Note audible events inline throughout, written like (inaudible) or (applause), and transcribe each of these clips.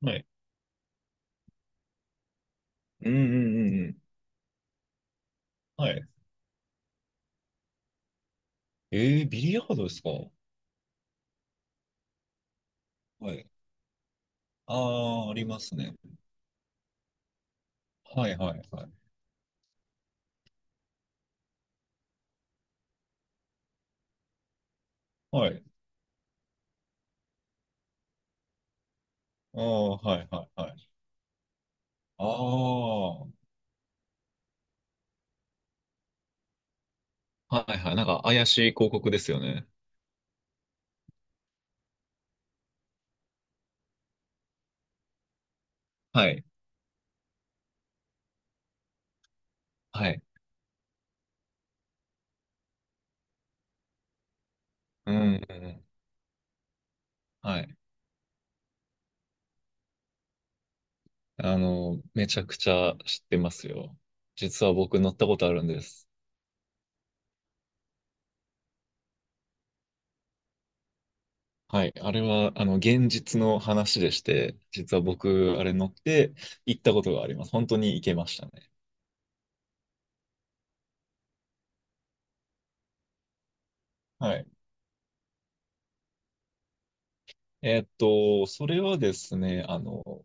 はい。うんうんうんうん。はい。えビリヤードですか？はい。ああ、ありますね。はいはいはい。はい。ああ、はいはいはい。ああ、はいはい。なんか怪しい広告ですよね。はい。はい。うん、うんうん。はい。めちゃくちゃ知ってますよ。実は僕乗ったことあるんです。はい。あれは、現実の話でして、実は僕、あれ乗って行ったことがあります。本当に行けましたね。はい。それはですね、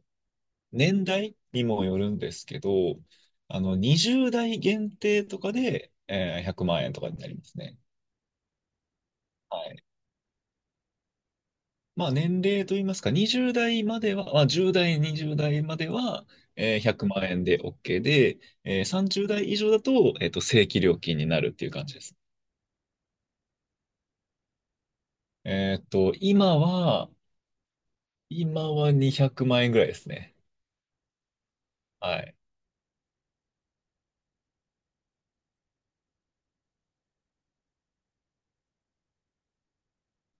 年代にもよるんですけど、20代限定とかで、100万円とかになりますね。はい。まあ、年齢といいますか、20代までは、まあ、10代、20代までは、100万円で OK で、30代以上だと、正規料金になるっていう感じです。えっと、今は、今は200万円ぐらいですね。はい。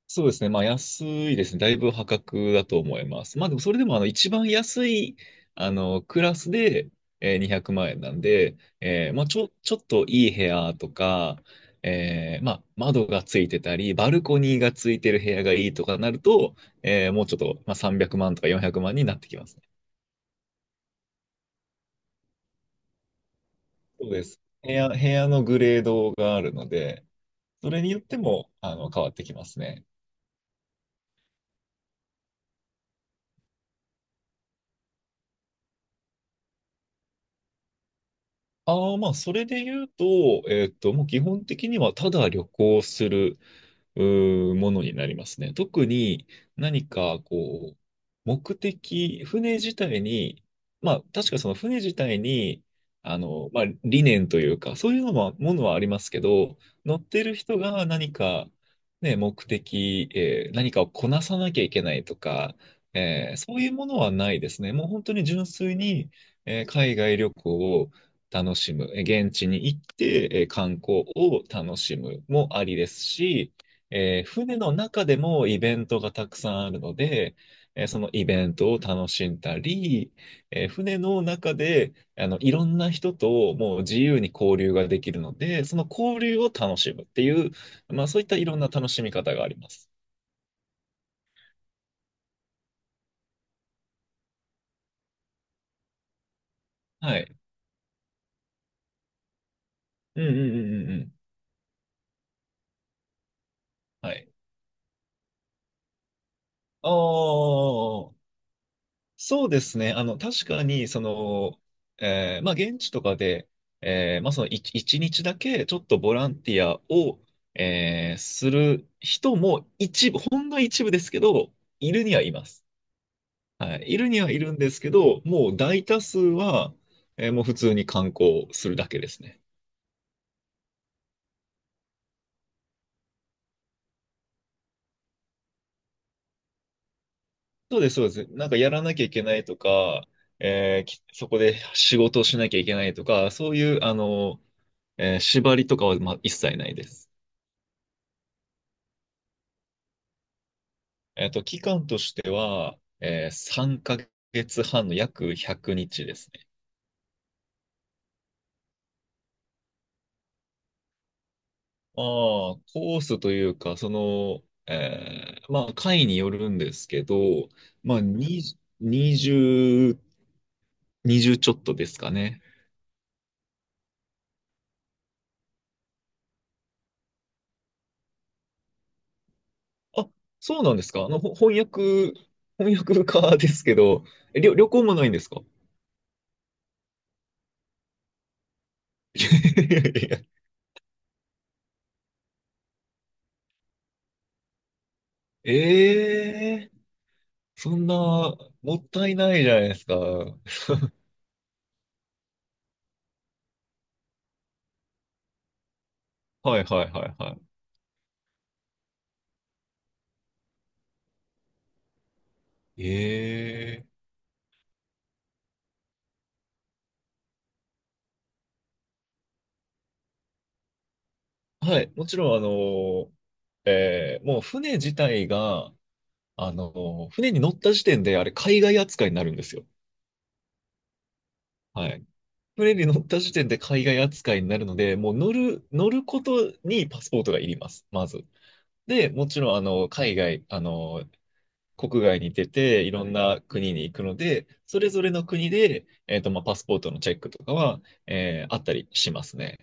そうですね。まあ、安いですね。だいぶ破格だと思います。まあ、でもそれでも、一番安い、クラスで、200万円なんで、まあ、ちょっといい部屋とか、まあ、窓がついてたり、バルコニーがついてる部屋がいいとかなると、もうちょっと、まあ、300万とか400万になってきますね。そうです。部屋のグレードがあるので、それによっても、変わってきますね。ああ、まあ、それで言うと、もう基本的にはただ旅行する、ものになりますね。特に何か、こう、目的、船自体に、まあ、確かその船自体に、まあ、理念というか、そういうのも、ものはありますけど、乗ってる人が何か、ね、目的、何かをこなさなきゃいけないとか、そういうものはないですね。もう本当に純粋に、海外旅行を、楽しむ、現地に行って、観光を楽しむもありですし、船の中でもイベントがたくさんあるので、そのイベントを楽しんだり、船の中でいろんな人ともう自由に交流ができるので、その交流を楽しむっていう、まあそういったいろんな楽しみ方があります。はい。うんうんうんうんうん。はい。ああ、そうですね。確かに、まあ、現地とかで、まあ、一日だけ、ちょっとボランティアを、する人も一部、ほんの一部ですけど、いるにはいます。はい。いるにはいるんですけど、もう大多数は、もう普通に観光するだけですね。そうです、そうです。なんかやらなきゃいけないとか、えーきそこで仕事をしなきゃいけないとか、そういう、縛りとかは、まあ、一切ないです。期間としては、3ヶ月半の約100日ですね。まあ、コースというか、まあ、回によるんですけど、まあ、20、20 2ちょっとですかね。あ、そうなんですか。ほ翻訳、翻訳家ですけど、旅行もないんですか？ (laughs) いやいや (laughs) ええそんな、もったいないじゃないですか。はいはいはいはい。はい、もちろん、もう船自体が、船に乗った時点で、あれ、海外扱いになるんですよ。はい。船に乗った時点で海外扱いになるので、もう乗ることにパスポートがいります、まず。で、もちろん、海外、国外に出て、いろんな国に行くので、それぞれの国で、まあ、パスポートのチェックとかは、あったりしますね。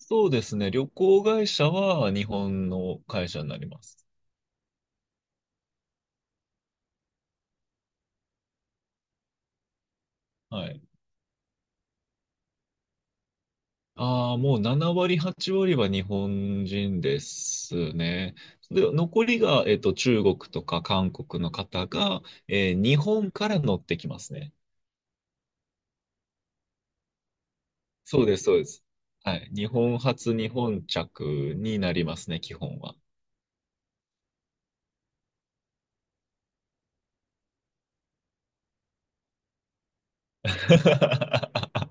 そうですね、旅行会社は日本の会社になります。はい。ああ、もう7割、8割は日本人ですね。で、残りが、中国とか韓国の方が、日本から乗ってきますね。そうです、そうです。はい。日本発、日本着になりますね、基本は。(laughs)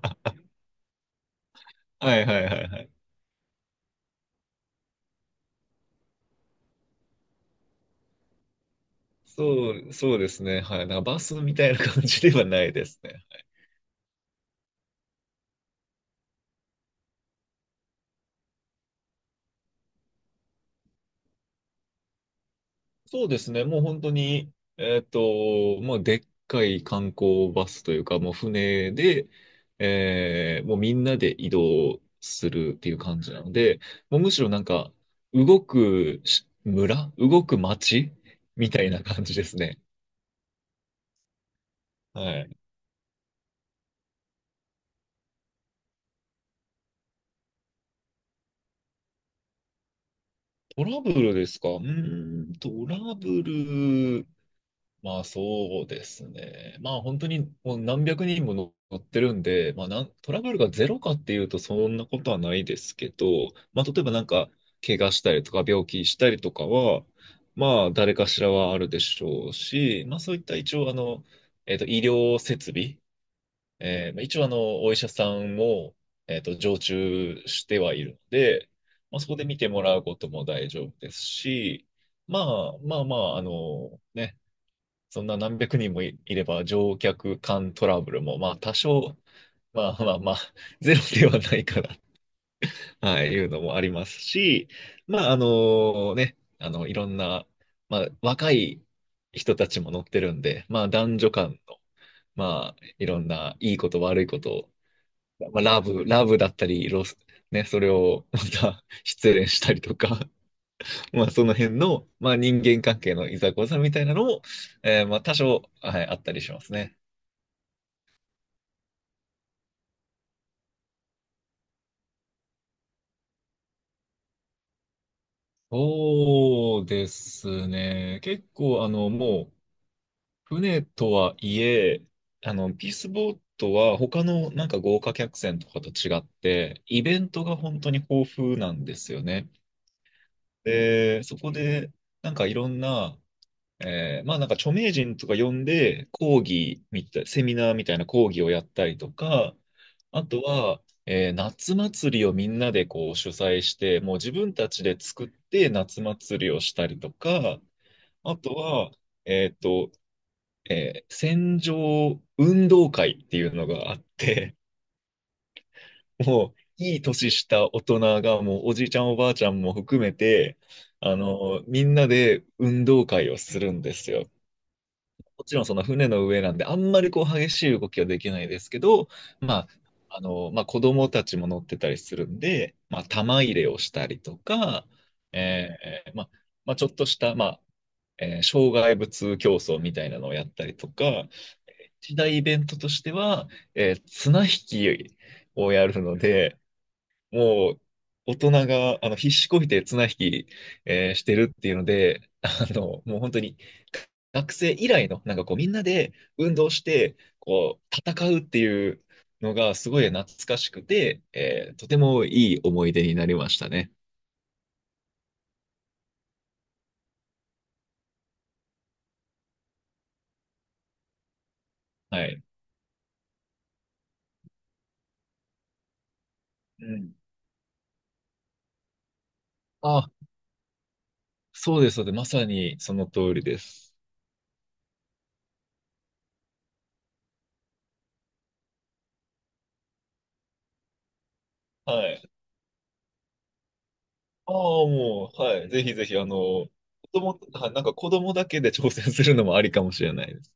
はいはいはいはい。そうですね。はい。なんかバスみたいな感じではないですね。そうですね。もう本当に、もうでっかい観光バスというか、もう船で、もうみんなで移動するっていう感じなので、もうむしろなんか、動く町みたいな感じですね。はい。トラブルですか？うーん、トラブル。まあそうですね。まあ本当にもう何百人も乗ってるんで、まあトラブルがゼロかっていうとそんなことはないですけど、まあ例えばなんか怪我したりとか病気したりとかは、まあ誰かしらはあるでしょうし、まあそういった一応医療設備、まあ一応お医者さんも、常駐してはいるので、まあそこで見てもらうことも大丈夫ですし、まあまあまあ、ね、そんな何百人もいれば乗客間トラブルも、まあ多少、まあまあまあ、ゼロではないかな、(laughs) はい、いうのもありますし、まあね、いろんな、まあ若い人たちも乗ってるんで、まあ男女間の、まあいろんないいこと悪いことを、まあラブだったり、ロス、ね、それをまた失恋したりとか、(laughs) まあその辺の、まあ人間関係のいざこざみたいなのも、まあ多少、はい、あったりしますね。そうですね。結構、もう、船とはいえ、ピースボートは他のなんか豪華客船とかと違って、イベントが本当に豊富なんですよね。で、そこで、なんかいろんなまあなんか著名人とか呼んで講義みたい、セミナーみたいな講義をやったりとか、あとは、夏祭りをみんなでこう主催して、もう自分たちで作って夏祭りをしたりとか、あとは、えっと、船上運動会っていうのがあって、(laughs) もういい年した大人がもうおじいちゃんおばあちゃんも含めて、みんなで運動会をするんですよ。もちろんその船の上なんで、あんまりこう激しい動きはできないですけど、まあ、まあ子供たちも乗ってたりするんで、まあ玉入れをしたりとか、まあ、まあちょっとした、まあ、障害物競争みたいなのをやったりとか、一大イベントとしては、綱引きをやるので、もう、大人が、必死こいて綱引き、してるっていうので、もう本当に、学生以来の、なんかこう、みんなで運動して、こう、戦うっていうのが、すごい懐かしくて、とてもいい思い出になりましたね。はい。うん。あ、そうです、そうです。まさにその通りです。はい。ああ、もう、はい。ぜひぜひ、はい、なんか子供だけで挑戦するのもありかもしれないです。